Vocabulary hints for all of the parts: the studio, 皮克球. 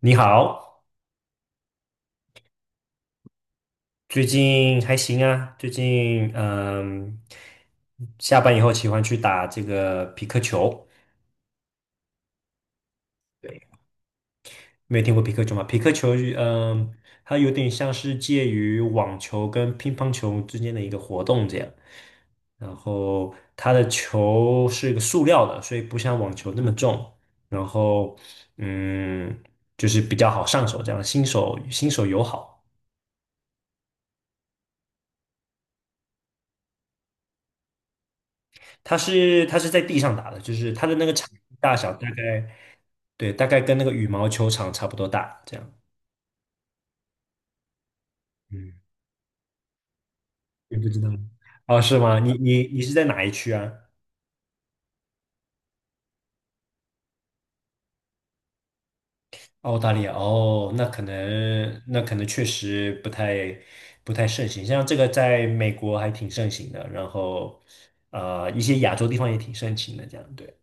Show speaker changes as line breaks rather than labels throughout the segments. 你好，最近还行啊？最近下班以后喜欢去打这个皮克球。对，没有听过皮克球吗？皮克球，它有点像是介于网球跟乒乓球之间的一个活动这样。然后它的球是一个塑料的，所以不像网球那么重。然后嗯，就是比较好上手，这样新手友好。它是在地上打的，就是它的那个场地大小大概对，大概跟那个羽毛球场差不多大，这样。嗯，你不知道吗？哦，是吗？你是在哪一区啊？澳大利亚哦，那可能确实不太盛行，像这个在美国还挺盛行的，然后一些亚洲地方也挺盛行的，这样对。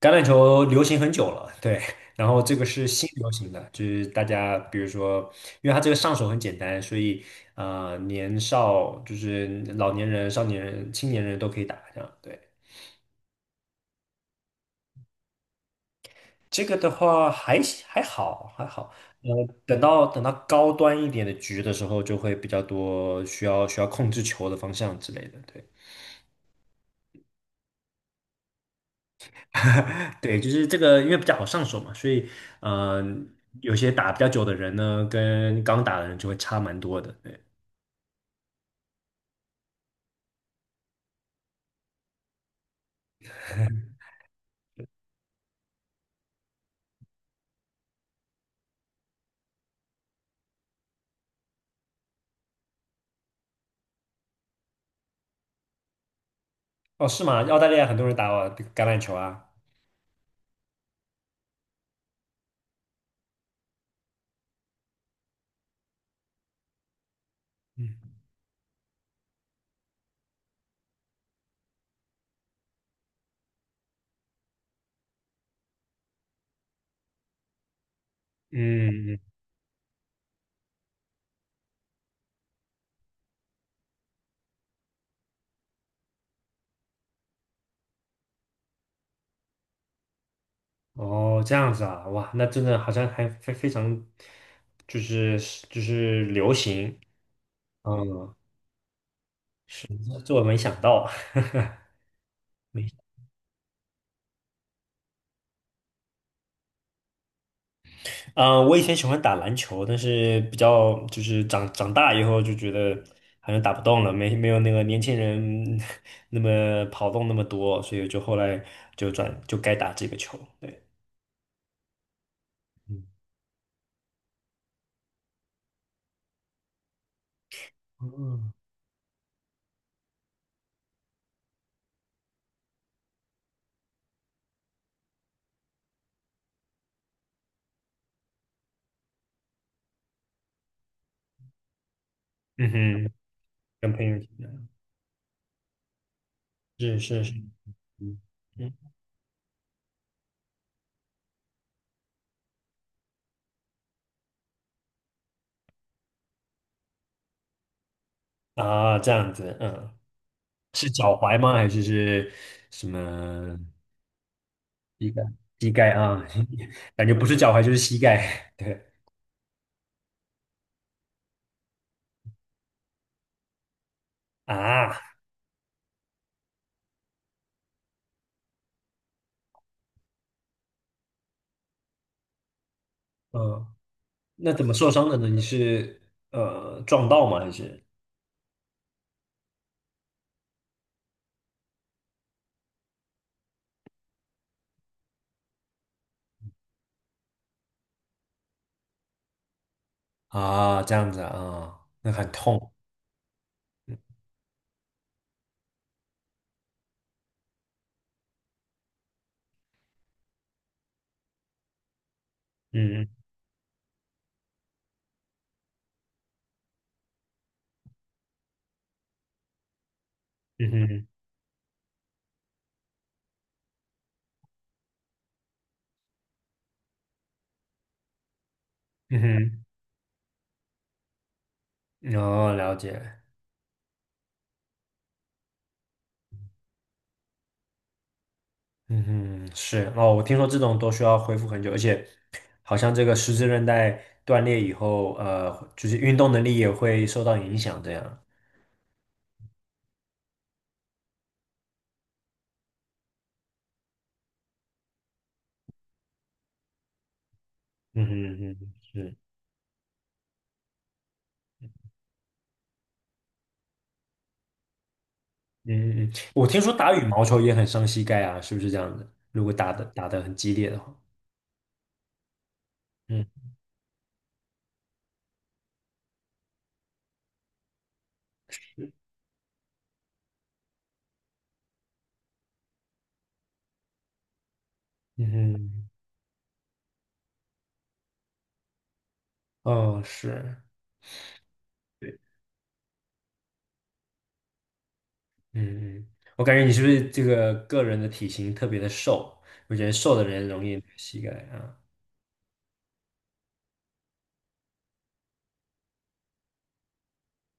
橄榄球流行很久了，对，然后这个是新流行的，就是大家比如说，因为它这个上手很简单，所以年少就是老年人、少年人、青年人都可以打，这样对。这个的话还还好，呃，等到高端一点的局的时候，就会比较多需要控制球的方向之类的，对。对，就是这个，因为比较好上手嘛，所以，嗯、有些打比较久的人呢，跟刚打的人就会差蛮多的。对，哦，是吗？澳大利亚很多人打哦橄榄球啊。嗯嗯，嗯哦，这样子啊，哇，那真的好像还非常，就是就是流行。嗯，是，这这我没想到。没，嗯，我以前喜欢打篮球，但是比较就是长大以后就觉得好像打不动了，没有那个年轻人 那么跑动那么多，所以就后来就转就该打这个球。对，嗯嗯嗯哼，跟朋友一起。是是是，嗯嗯啊，这样子，嗯，是脚踝吗？还是是什么膝盖？膝盖啊，感觉不是脚踝就是膝盖。对啊，嗯，那怎么受伤的呢？你是撞到吗？还是啊这样子啊？那很痛。嗯嗯嗯哼嗯哼，哦，了解。嗯哼，是哦，我听说这种都需要恢复很久，而且好像这个十字韧带断裂以后，就是运动能力也会受到影响，这样。嗯哼嗯哼，是，嗯嗯嗯，我听说打羽毛球也很伤膝盖啊，是不是这样子？如果打的很激烈的话，嗯嗯哼，哦是，对，嗯嗯，我感觉你是不是这个个人的体型特别的瘦？我觉得瘦的人容易膝盖啊。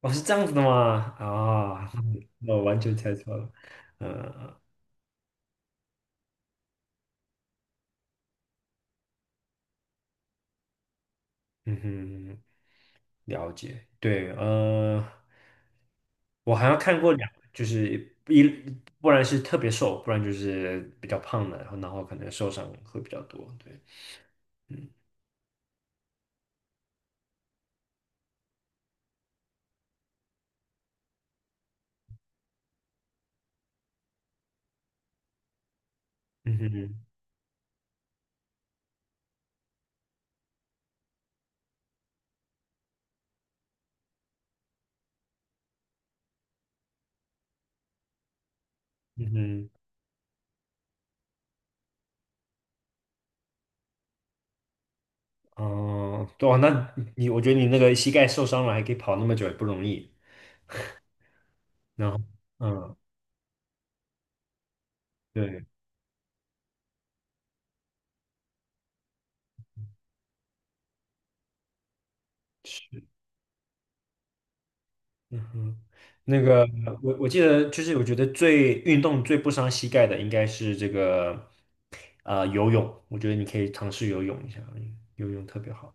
哦，是这样子的吗？啊、那我完全猜错了。呃嗯哼，了解。对，我好像看过两个就是一，不然是特别瘦，不然就是比较胖的，然后可能受伤会比较多。对，嗯嗯哼嗯哼，哦、对哦，那你我觉得你那个膝盖受伤了还可以跑那么久也不容易。然后，嗯，对。是。嗯哼，那个我记得就是我觉得最运动最不伤膝盖的应该是这个游泳，我觉得你可以尝试游泳一下，游泳特别好，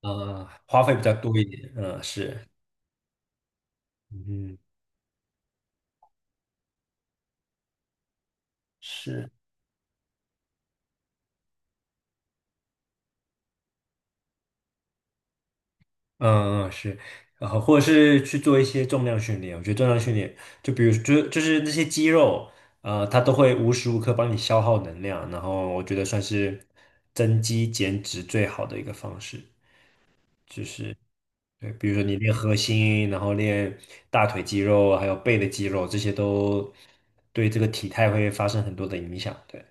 啊，花费比较多一点，嗯、是，嗯是，嗯嗯是，然后或者是去做一些重量训练，我觉得重量训练就比如就是那些肌肉，它都会无时无刻帮你消耗能量，然后我觉得算是增肌减脂最好的一个方式。就是对，比如说你练核心，然后练大腿肌肉，还有背的肌肉，这些都对这个体态会发生很多的影响。对。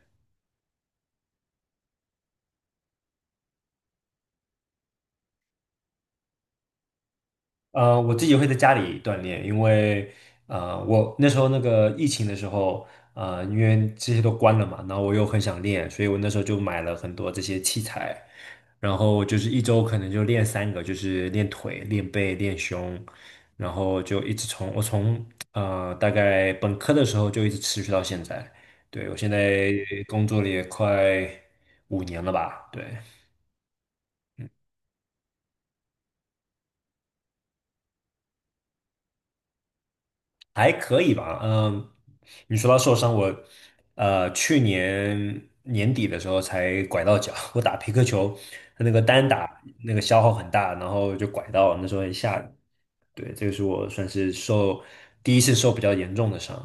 我自己会在家里锻炼，因为我那时候那个疫情的时候，因为这些都关了嘛，然后我又很想练，所以我那时候就买了很多这些器材，然后就是一周可能就练三个，就是练腿、练背、练胸，然后就一直从我从大概本科的时候就一直持续到现在，对，我现在工作了也快五年了吧，对。还可以吧，嗯，你说到受伤，我去年年底的时候才拐到脚，我打皮克球，它那个单打那个消耗很大，然后就拐到了，那时候很下人。对，这个是我算是受第一次受比较严重的伤。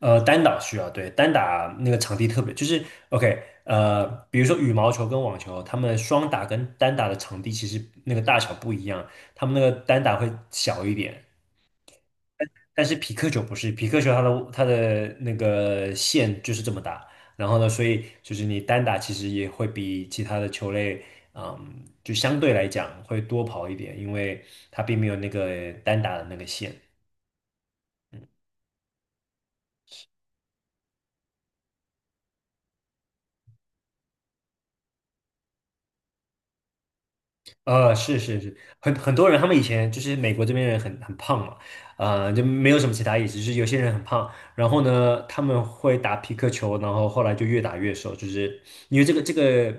单打需要，对，单打那个场地特别，就是 OK，比如说羽毛球跟网球，他们双打跟单打的场地其实那个大小不一样，他们那个单打会小一点，但是匹克球不是，匹克球它的那个线就是这么大，然后呢，所以就是你单打其实也会比其他的球类，嗯，就相对来讲会多跑一点，因为它并没有那个单打的那个线。是是是，很多人，他们以前就是美国这边人很胖嘛，就没有什么其他意思，就是有些人很胖，然后呢，他们会打皮克球，然后后来就越打越瘦，就是因为这个这个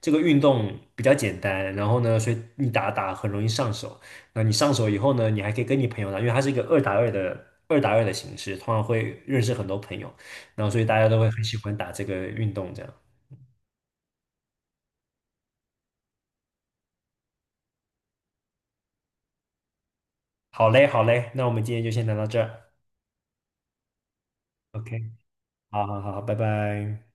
这个运动比较简单，然后呢，所以你打很容易上手，那你上手以后呢，你还可以跟你朋友打，因为它是一个二打二的形式，通常会认识很多朋友，然后所以大家都会很喜欢打这个运动，这样。好嘞，好嘞，那我们今天就先聊到这儿，OK。好好好，拜拜。